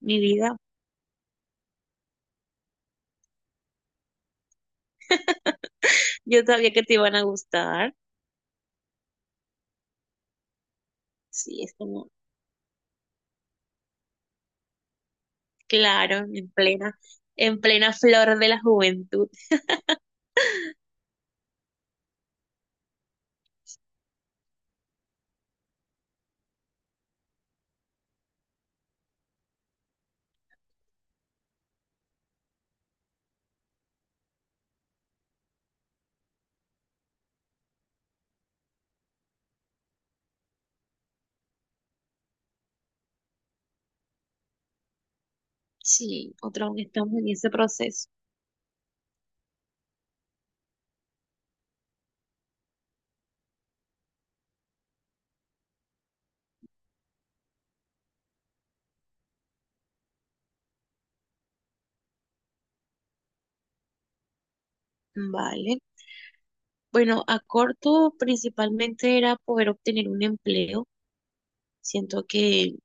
Mi vida. Yo sabía que te iban a gustar. Sí, es como, claro, en plena flor de la juventud. Sí, otro aún estamos en ese proceso. Vale. Bueno, a corto principalmente era poder obtener un empleo. Siento que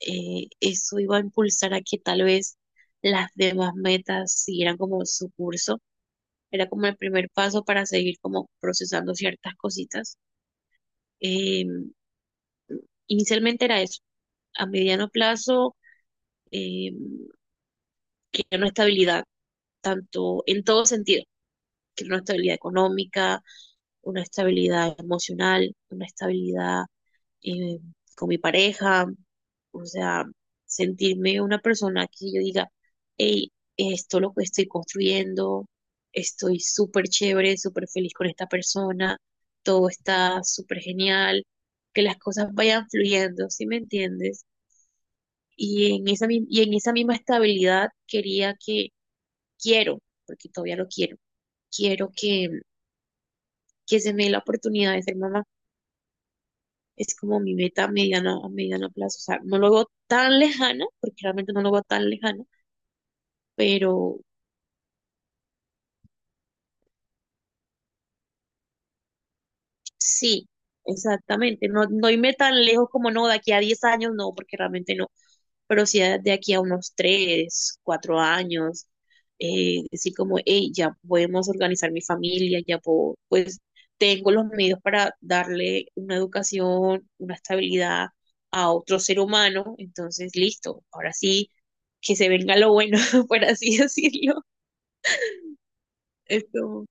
eso iba a impulsar a que tal vez las demás metas siguieran como su curso. Era como el primer paso para seguir como procesando ciertas cositas. Em, Inicialmente era eso, a mediano plazo, eh, que una estabilidad, tanto en todo sentido, que una estabilidad económica, una estabilidad emocional, una estabilidad eh, con mi pareja, o sea, sentirme una persona que yo diga, hey, esto lo que estoy construyendo, estoy súper chévere, súper feliz con esta persona, todo está súper genial, que las cosas vayan fluyendo, ¿sí me entiendes? Y en esa misma estabilidad quería que, quiero, porque todavía lo quiero, quiero que se me dé la oportunidad de ser mamá. Es como mi meta a mediano plazo. O sea, no lo veo tan lejana, porque realmente no lo veo tan lejana, pero sí, exactamente. No, no irme tan lejos como no, de aquí a 10 años, no, porque realmente no. Pero si a- de aquí a unos tres, cuatro años, decir como, hey, ya podemos organizar mi familia, ya puedo, pues tengo los medios para darle una educación, una estabilidad a otro ser humano, entonces listo, ahora sí, que se venga lo bueno, por así decirlo. Esto,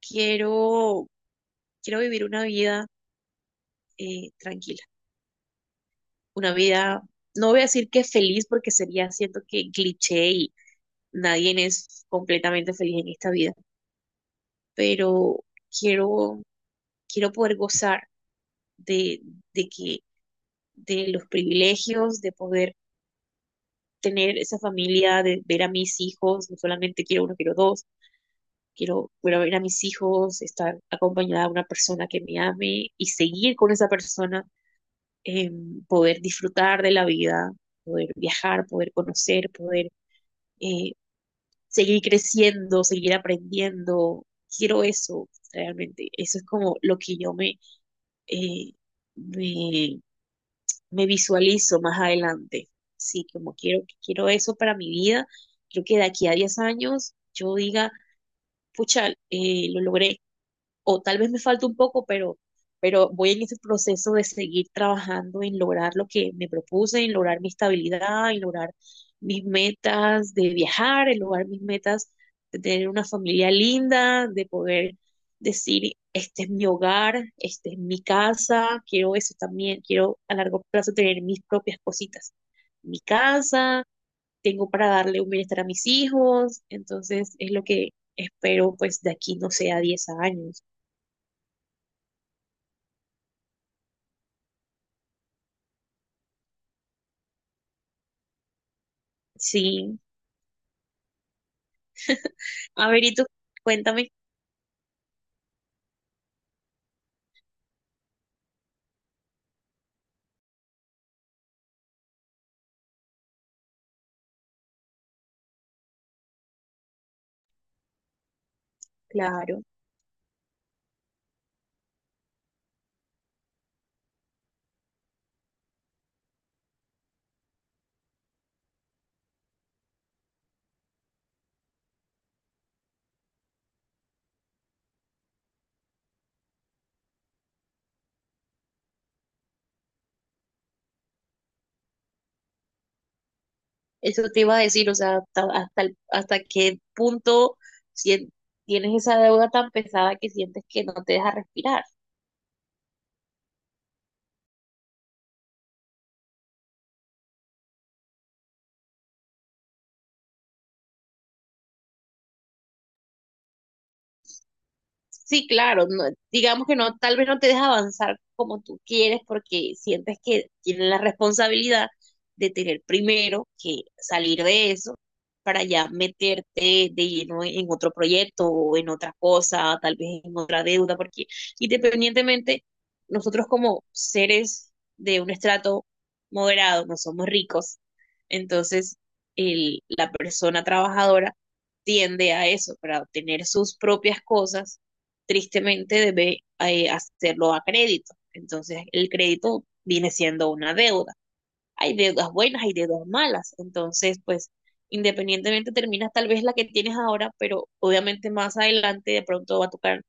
quiero, quiero vivir una vida tranquila, una vida, no voy a decir que feliz porque sería, siento que cliché y, nadie es completamente feliz en esta vida, pero quiero, quiero poder gozar de, de que, de los privilegios, de poder tener esa familia, de ver a mis hijos, no solamente quiero uno, quiero dos, quiero, quiero ver a mis hijos, estar acompañada de una persona que me ame y seguir con esa persona, eh, poder disfrutar de la vida, poder viajar, poder conocer, poder eh, seguir creciendo, seguir aprendiendo. Quiero eso, realmente. Eso es como lo que yo me, eh, me, me visualizo más adelante. Sí, como quiero, quiero eso para mi vida. Creo que de aquí a 10 años yo diga, pucha, lo logré, o tal vez me falta un poco, pero voy en ese proceso de seguir trabajando en lograr lo que me propuse, en lograr mi estabilidad, en lograr mis metas de viajar, en lograr mis metas de tener una familia linda, de poder decir, este es mi hogar, este es mi casa, quiero eso también, quiero a largo plazo tener mis propias cositas, mi casa, tengo para darle un bienestar a mis hijos, entonces es lo que espero pues de aquí, no sé, a 10 años. Sí. A ver, y tú cuéntame, claro, eso te iba a decir, o sea, hasta, hasta, hasta qué punto sien- tienes esa deuda tan pesada que sientes que no te deja respirar. Sí, claro, digamos que no, tal vez no te deja avanzar como tú quieres porque sientes que tienen la responsabilidad de tener primero que salir de eso para ya meterte de lleno en otro proyecto o en otra cosa, tal vez en otra deuda, porque independientemente, nosotros como seres de un estrato moderado no somos ricos, entonces el, la persona trabajadora tiende a eso, para obtener sus propias cosas tristemente debe hacerlo a crédito. Entonces, el crédito viene siendo una deuda. Hay deudas buenas, hay deudas malas. Entonces, pues, independientemente terminas tal vez la que tienes ahora, pero obviamente más adelante de pronto va a tocar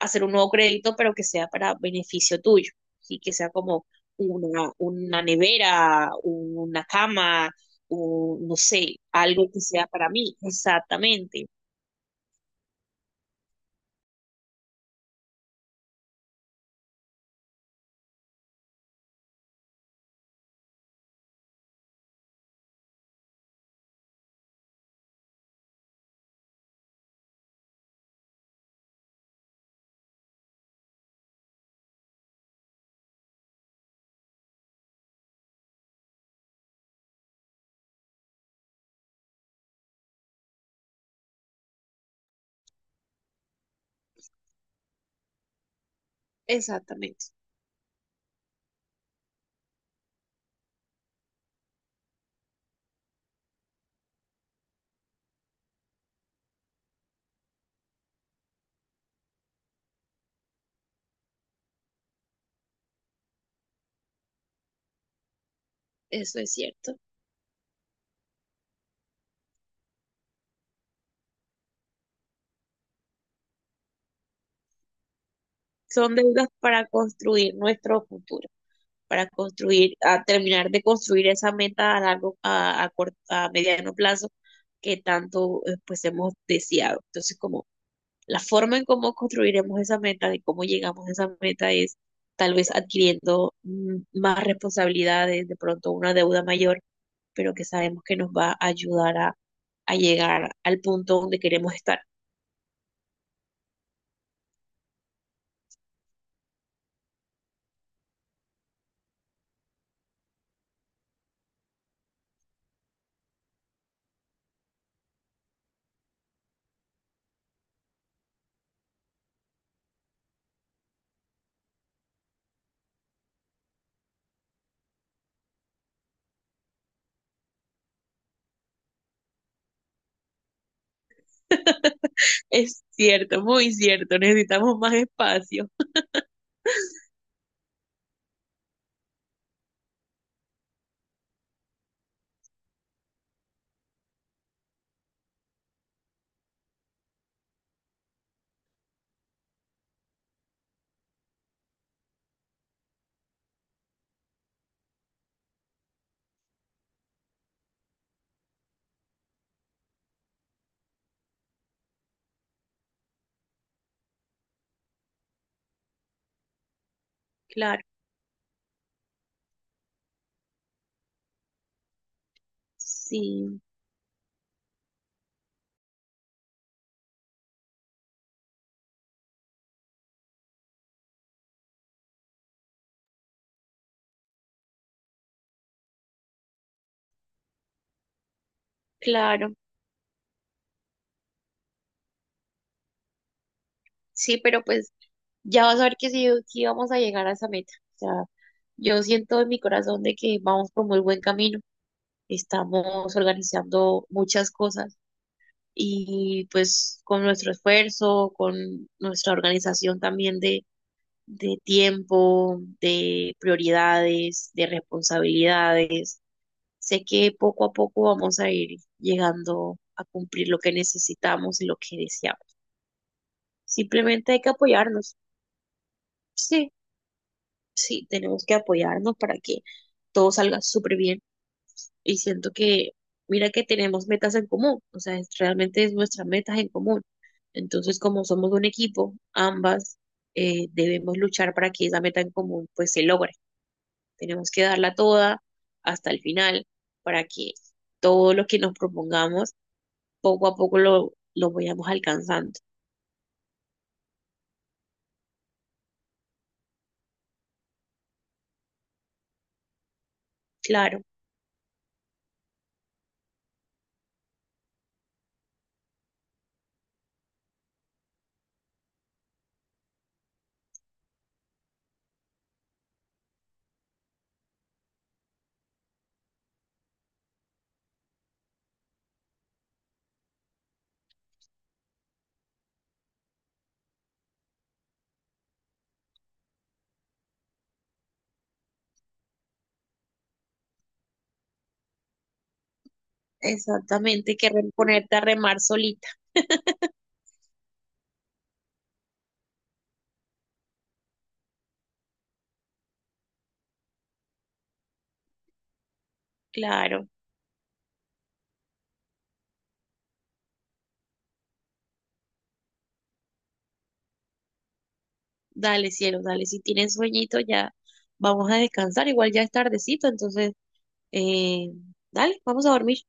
hacer un nuevo crédito, pero que sea para beneficio tuyo, y ¿sí? Que sea como una nevera, una cama, un, no sé, algo que sea para mí. Exactamente, exactamente, eso es cierto. Son deudas para construir nuestro futuro, para construir, a terminar de construir esa meta a largo, a, a mediano plazo que tanto pues hemos deseado. Entonces, como la forma en cómo construiremos esa meta, de cómo llegamos a esa meta es tal vez adquiriendo más responsabilidades, de pronto una deuda mayor, pero que sabemos que nos va a ayudar a llegar al punto donde queremos estar. Es cierto, muy cierto, necesitamos más espacio. Claro. Sí, claro, sí, pero pues ya vas a ver que sí, sí vamos a llegar a esa meta. O sea, yo siento en mi corazón de que vamos por muy buen camino. Estamos organizando muchas cosas y pues con nuestro esfuerzo, con nuestra organización también de tiempo, de prioridades, de responsabilidades, sé que poco a poco vamos a ir llegando a cumplir lo que necesitamos y lo que deseamos. Simplemente hay que apoyarnos. Sí, sí, tenemos que apoyarnos para que todo salga súper bien. Y siento que, mira que tenemos metas en común, o sea, realmente es nuestras metas en común. Entonces, como somos un equipo, ambas debemos luchar para que esa meta en común pues se logre. Tenemos que darla toda hasta el final para que todo lo que nos propongamos poco a poco lo vayamos alcanzando. Claro, exactamente, que ponerte a remar solita, claro. Dale, cielo, dale. Si tienes sueñito, ya vamos a descansar. Igual ya es tardecito, entonces, eh, dale, vamos a dormir.